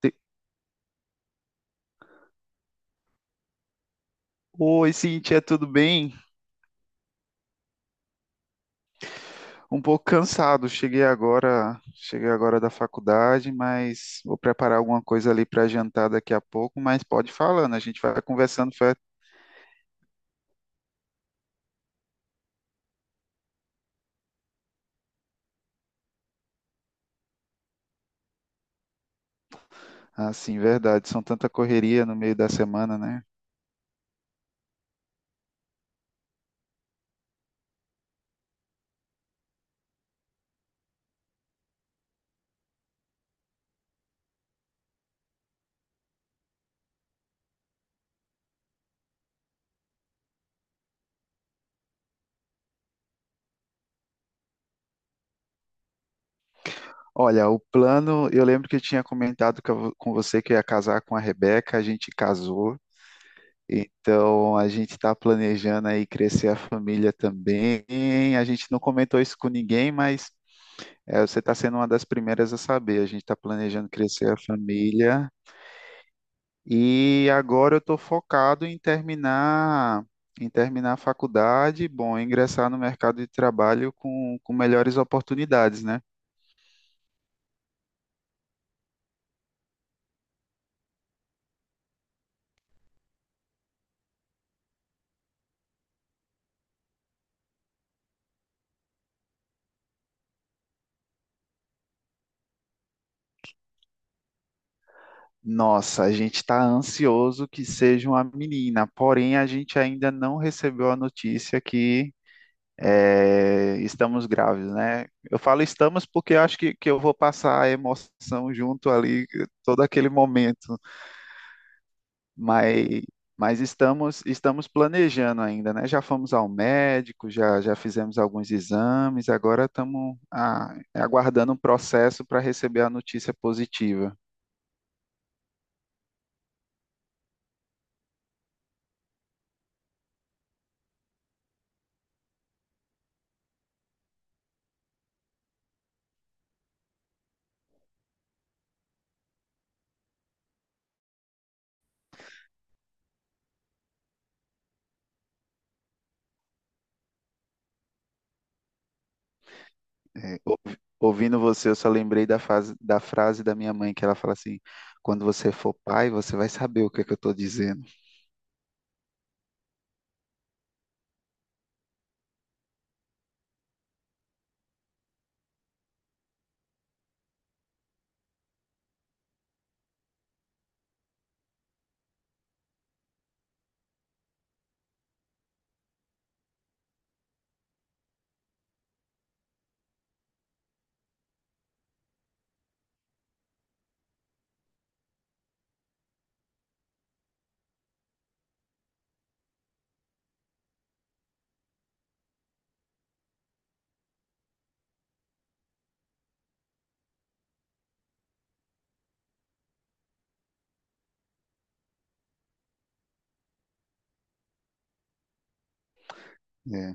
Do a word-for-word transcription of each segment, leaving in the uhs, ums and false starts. Te- Oi, Cintia, tudo bem? Um pouco cansado. Cheguei agora, cheguei agora da faculdade, mas vou preparar alguma coisa ali para jantar daqui a pouco, mas pode ir falando, a gente vai conversando. Foi assim, verdade, são tanta correria no meio da semana, né? Olha, o plano, eu lembro que eu tinha comentado que eu- com você que eu ia casar com a Rebeca, a gente casou. Então, a gente está planejando aí crescer a família também. A gente não comentou isso com ninguém, mas é, você está sendo uma das primeiras a saber. A gente está planejando crescer a família e agora eu estou focado em terminar, em terminar a faculdade, bom, ingressar no mercado de trabalho com, com melhores oportunidades, né? Nossa, a gente está ansioso que seja uma menina, porém a gente ainda não recebeu a notícia que é, estamos grávidos, né? Eu falo estamos porque eu acho que, que eu vou passar a emoção junto ali, todo aquele momento. mas, mas estamos, estamos planejando ainda, né? Já fomos ao médico, já, já fizemos alguns exames, agora estamos ah, aguardando um processo para receber a notícia positiva. É, ou- Ouvindo você, eu só lembrei da, fase, da frase da minha mãe, que ela fala assim: quando você for pai, você vai saber o que é que eu estou dizendo. É.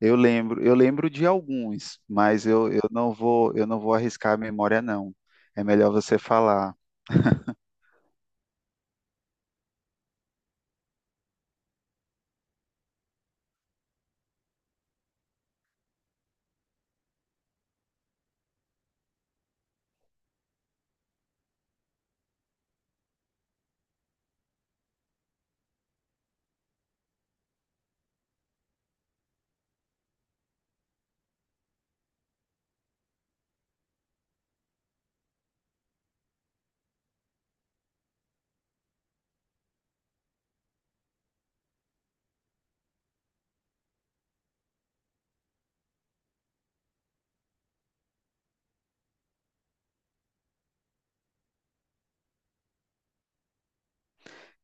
Eu lembro, eu lembro de alguns, mas eu, eu não vou, eu não vou arriscar a memória, não. É melhor você falar.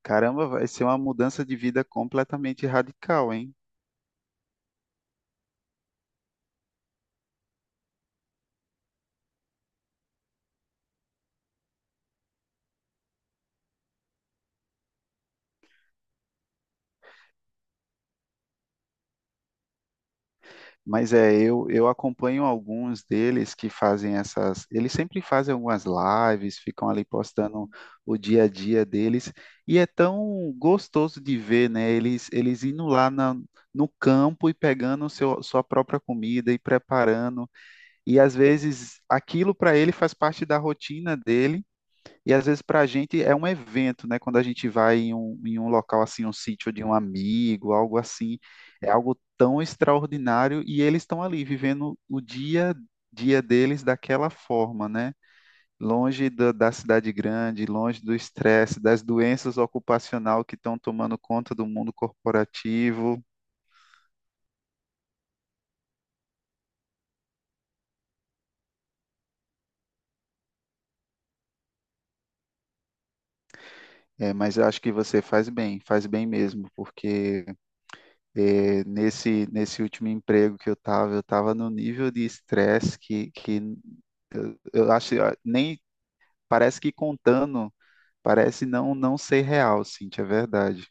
Caramba, vai ser uma mudança de vida completamente radical, hein? Mas é, eu, eu acompanho alguns deles que fazem essas. Eles sempre fazem algumas lives, ficam ali postando o dia a dia deles. E é tão gostoso de ver, né? Eles, eles indo lá na- no campo e pegando o seu, sua própria comida e preparando. E às vezes aquilo para ele faz parte da rotina dele. E às vezes para a gente é um evento, né? Quando a gente vai em um, em um local assim, um sítio de um amigo, algo assim, é algo tão extraordinário e eles estão ali vivendo o dia a dia deles daquela forma, né? Longe da, da cidade grande, longe do estresse, das doenças ocupacional que estão tomando conta do mundo corporativo. É, mas eu acho que você faz bem, faz bem mesmo, porque é, nesse, nesse último emprego que eu estava, eu estava no nível de estresse que, que eu acho, nem parece que contando, parece não não ser real, Cintia, é verdade.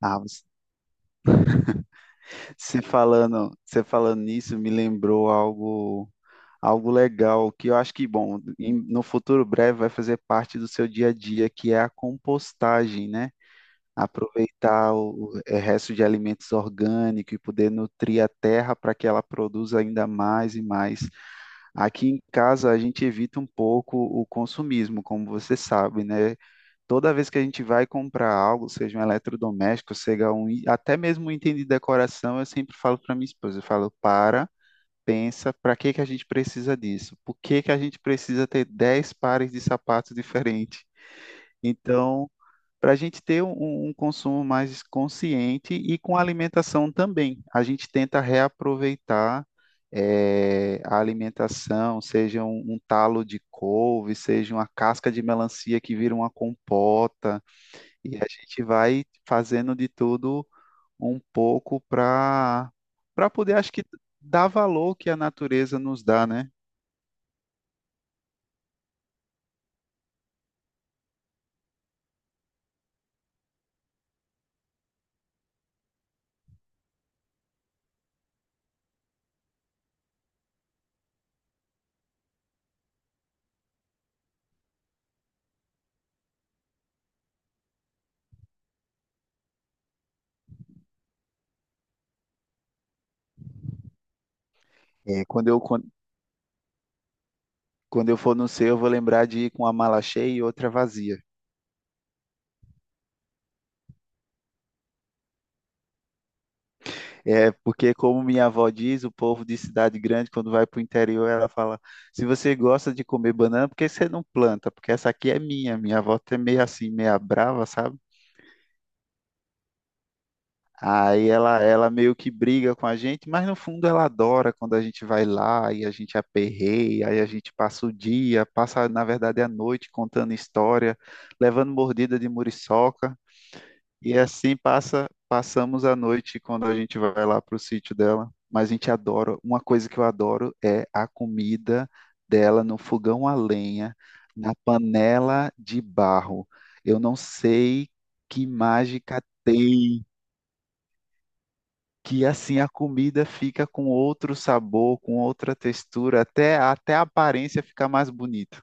Ah, você você falando, você falando nisso me lembrou algo algo legal que eu acho que, bom, em- no futuro breve vai fazer parte do seu dia a dia, que é a compostagem, né? Aproveitar o, o eh, resto de alimentos orgânicos e poder nutrir a terra para que ela produza ainda mais e mais. Aqui em casa a gente evita um pouco o consumismo, como você sabe, né? Toda vez que a gente vai comprar algo, seja um eletrodoméstico, seja um, i- até mesmo um item de decoração, eu sempre falo para minha esposa, eu falo, para, pensa, para que que a gente precisa disso? Por que que a gente precisa ter dez pares de sapatos diferentes? Então, para a gente ter um, um um consumo mais consciente e com alimentação também, a gente tenta reaproveitar eh, a alimentação, seja um, um talo de couve, seja uma casca de melancia que vira uma compota. E a gente vai fazendo de tudo um pouco para para poder, acho que, dar valor que a natureza nos dá, né? É, quando eu, quan- quando eu for no céu, eu vou lembrar de ir com uma mala cheia e outra vazia. É, porque, como minha avó diz, o povo de cidade grande, quando vai para o interior, ela fala: se você gosta de comer banana, por que você não planta? Porque essa aqui é minha. Minha avó é meio assim, meia brava, sabe? Aí ela, ela meio que briga com a gente, mas no fundo ela adora quando a gente vai lá e a gente aperreia, aí a gente passa o dia, passa na verdade a noite contando história, levando mordida de muriçoca, e assim passa, passamos a noite quando a gente vai lá para o sítio dela. Mas a gente adora, uma coisa que eu adoro é a comida dela no fogão a lenha, na panela de barro. Eu não sei que mágica tem que assim a comida fica com outro sabor, com outra textura, até, até a aparência fica mais bonita.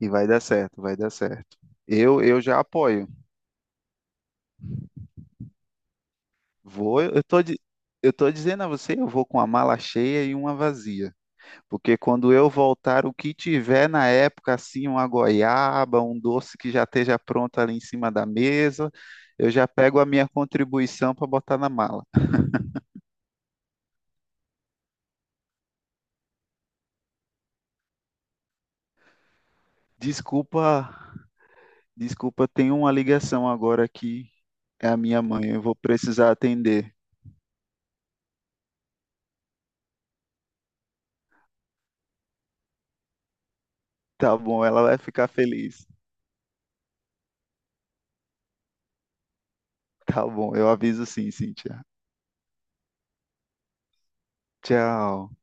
E vai dar certo, vai dar certo. Eu, eu já apoio. Vou, eu tô, di- Eu tô dizendo a você, eu vou com a mala cheia e uma vazia. Porque quando eu voltar, o que tiver na época, assim, uma goiaba, um doce que já esteja pronto ali em cima da mesa, eu já pego a minha contribuição para botar na mala. Desculpa Desculpa, tem uma ligação agora aqui. É a minha mãe, eu vou precisar atender. Tá bom, ela vai ficar feliz. Tá bom, eu aviso sim, Cíntia. Tchau.